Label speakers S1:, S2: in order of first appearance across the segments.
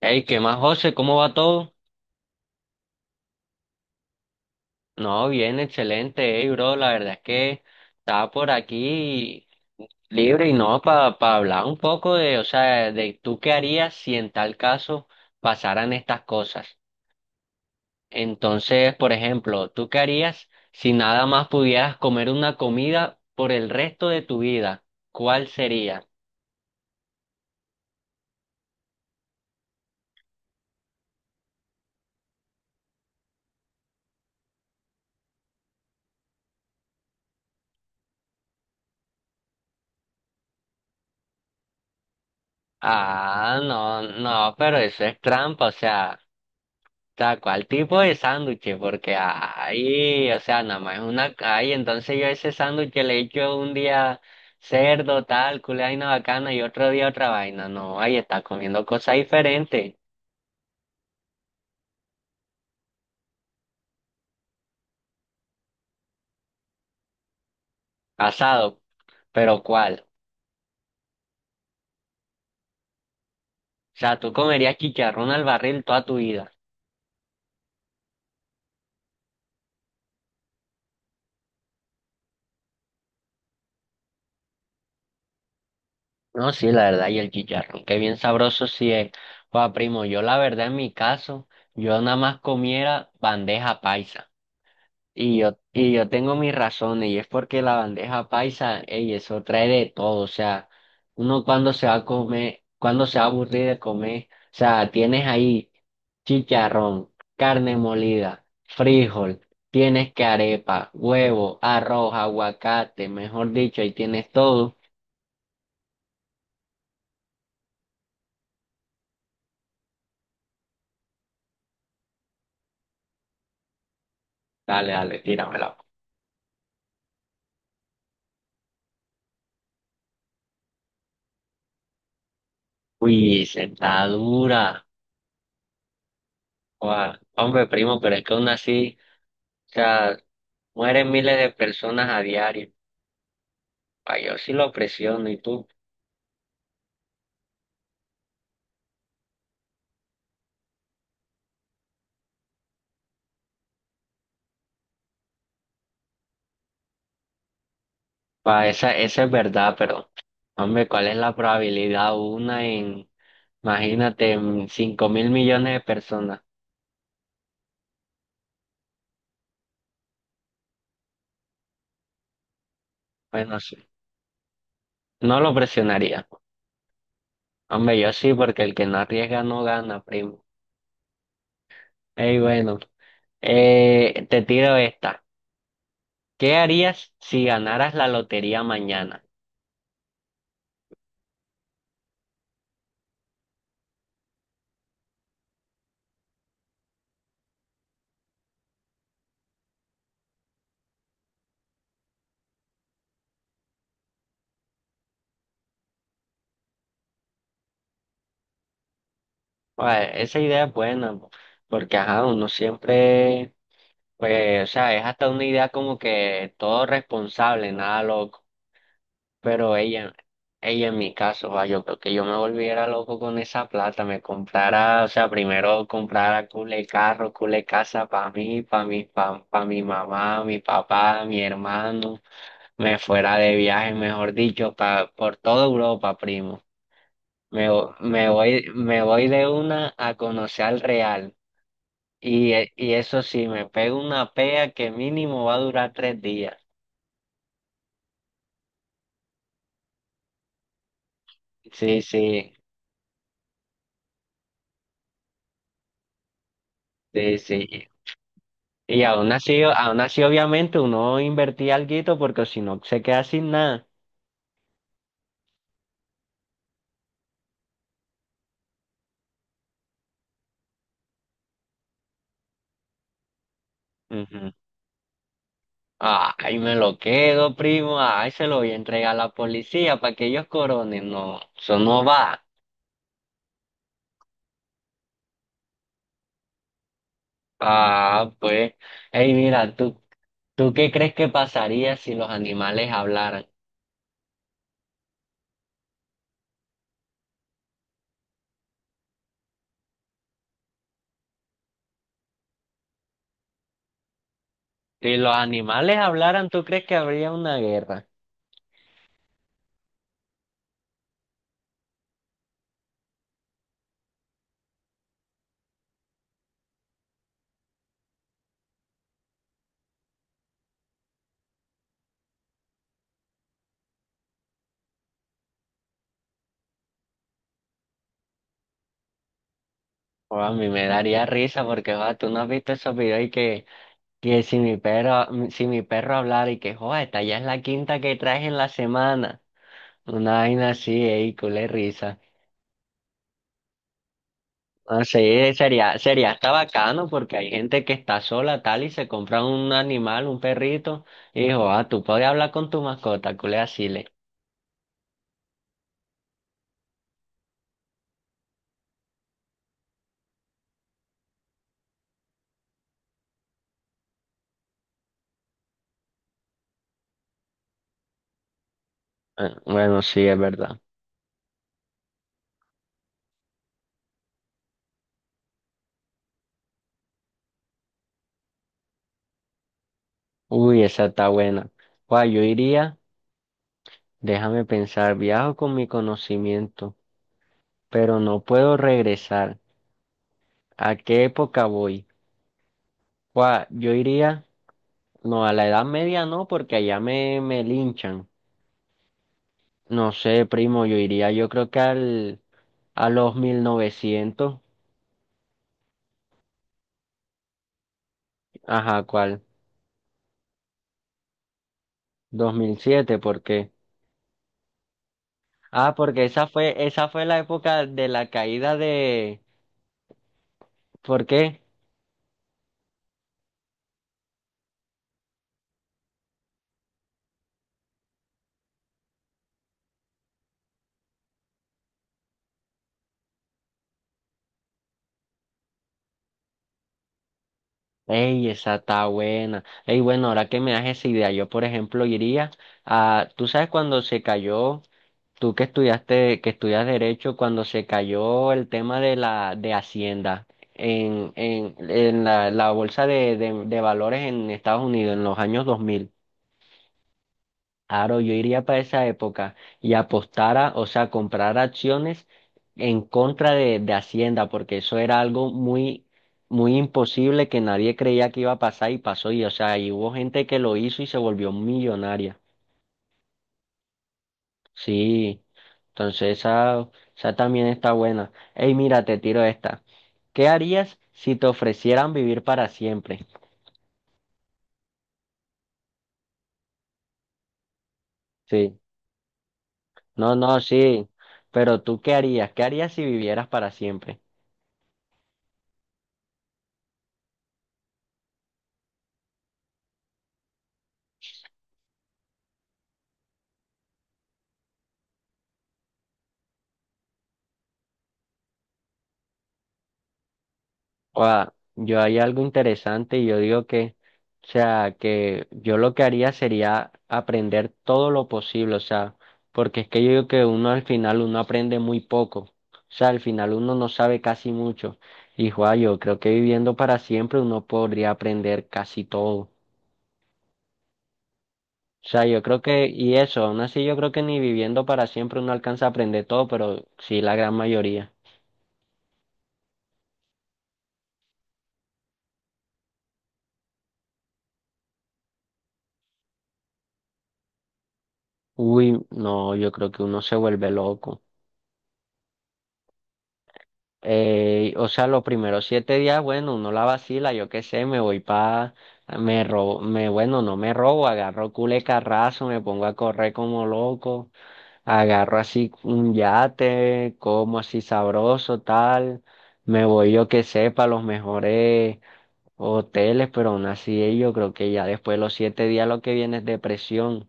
S1: Hey, ¿qué más, José? ¿Cómo va todo? No, bien, excelente, hey, bro. La verdad es que estaba por aquí libre y no, para hablar un poco de, o sea, de tú qué harías si en tal caso pasaran estas cosas. Entonces, por ejemplo, ¿tú qué harías si nada más pudieras comer una comida por el resto de tu vida? ¿Cuál sería? Ah, no, no, pero eso es trampa, o sea. Tal cual tipo de sándwich, porque ahí, o sea, nada más es una, ahí entonces yo ese sándwich le echo un día cerdo, tal, culé vaina bacana y otro día otra vaina, no, ahí está comiendo cosas diferentes, asado, pero ¿cuál? O sea, tú comerías chicharrón al barril toda tu vida. No, sí, la verdad, y el chicharrón, qué bien sabroso sí es. Pues primo, yo la verdad en mi caso, yo nada más comiera bandeja paisa. Y yo tengo mis razones, y es porque la bandeja paisa, ey, eso trae de todo, o sea, uno cuando se va a comer, cuando se va a aburrir de comer, o sea, tienes ahí chicharrón, carne molida, frijol, tienes que arepa, huevo, arroz, aguacate, mejor dicho, ahí tienes todo. Dale, dale, tíramela. Uy, sentadura. Guau, hombre, primo, pero es que aún así, o sea, mueren miles de personas a diario. Pa, yo sí lo presiono y tú. Pa, esa es verdad, pero hombre, ¿cuál es la probabilidad? Una en, imagínate, en 5.000.000.000 de personas. Bueno, sí. No lo presionaría. Hombre, yo sí, porque el que no arriesga no gana, primo. Ey, bueno, te tiro esta. ¿Qué harías si ganaras la lotería mañana? Pa, esa idea es buena, po, porque ajá, uno siempre, pues, o sea, es hasta una idea como que todo responsable, nada loco. Pero ella en mi caso, va, yo creo que yo me volviera loco con esa plata, me comprara, o sea, primero comprara cule carro, cule casa para mí, pa mi mamá, mi papá, mi hermano, me fuera de viaje, mejor dicho, pa, por toda Europa, primo. Me voy de una a conocer al Real. Y eso sí, me pego una pea que mínimo va a durar 3 días. Sí, sí, sí, sí. Y aún así, obviamente, uno invertía alguito porque si no se queda sin nada. Ujú. Ay, me lo quedo, primo. Ay, se lo voy a entregar a la policía para que ellos coronen. No, eso no va. Ah, pues. Ey, mira, ¿tú qué crees que pasaría si los animales hablaran? Si los animales hablaran, ¿tú crees que habría una guerra? O a mí me daría risa porque, va, tú no has visto esos videos y que si mi perro hablara y que, joder, esta ya es la quinta que traes en la semana. Una vaina así, ey, culé risa. No sé, sería, sería hasta bacano porque hay gente que está sola tal y se compra un animal, un perrito, y dijo, ah, tú puedes hablar con tu mascota, culé así le. Ah, bueno, sí, es verdad. Uy, esa está buena. Guay, yo iría, déjame pensar, viajo con mi conocimiento, pero no puedo regresar. ¿A qué época voy? Guay, yo iría. No, a la Edad Media no, porque allá me linchan. No sé, primo, yo iría, yo creo que a los 1900. Ajá, ¿cuál? 2007, ¿por qué? Ah, porque esa fue la época de la caída de. ¿Por qué? Ey, esa está buena. Ey, bueno, ahora que me das esa idea, yo por ejemplo iría a. ¿Tú sabes cuando se cayó? Tú que estudiaste, que estudias derecho, cuando se cayó el tema de la de Hacienda en la bolsa de valores en Estados Unidos en los años 2000, claro, yo iría para esa época y apostara, o sea, comprar acciones en contra de Hacienda, porque eso era algo muy, muy imposible que nadie creía que iba a pasar y pasó, y o sea, y hubo gente que lo hizo y se volvió millonaria. Sí, entonces esa también está buena. Ey, mira, te tiro esta. ¿Qué harías si te ofrecieran vivir para siempre? Sí, no, no, sí, pero tú ¿qué harías? ¿Qué harías si vivieras para siempre? Oa, yo hay algo interesante y yo digo que, o sea, que yo lo que haría sería aprender todo lo posible, o sea, porque es que yo digo que uno al final uno aprende muy poco, o sea, al final uno no sabe casi mucho. Y joa, yo creo que viviendo para siempre uno podría aprender casi todo. O sea, yo creo que, y eso, aún así yo creo que ni viviendo para siempre uno alcanza a aprender todo, pero sí la gran mayoría. Uy, no, yo creo que uno se vuelve loco. O sea, los primeros 7 días, bueno, uno la vacila, yo qué sé, me voy pa, me robo, bueno, no me robo, agarro cule carrazo, me pongo a correr como loco, agarro así un yate, como así sabroso, tal, me voy, yo qué sé, pa los mejores hoteles, pero aún así yo creo que ya después de los 7 días lo que viene es depresión.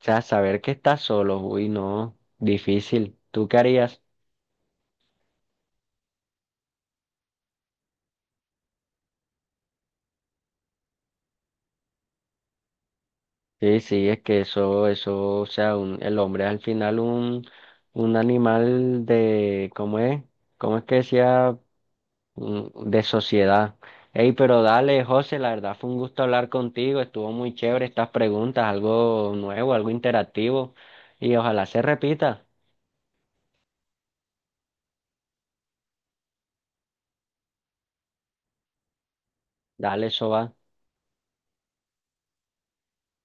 S1: O sea, saber que estás solo, uy, no, difícil. ¿Tú qué harías? Sí, sí, es que eso, o sea, el hombre es al final un, animal de, ¿cómo es? ¿Cómo es que decía? De sociedad. Ey, pero dale, José, la verdad fue un gusto hablar contigo, estuvo muy chévere estas preguntas, algo nuevo, algo interactivo, y ojalá se repita. Dale, eso va.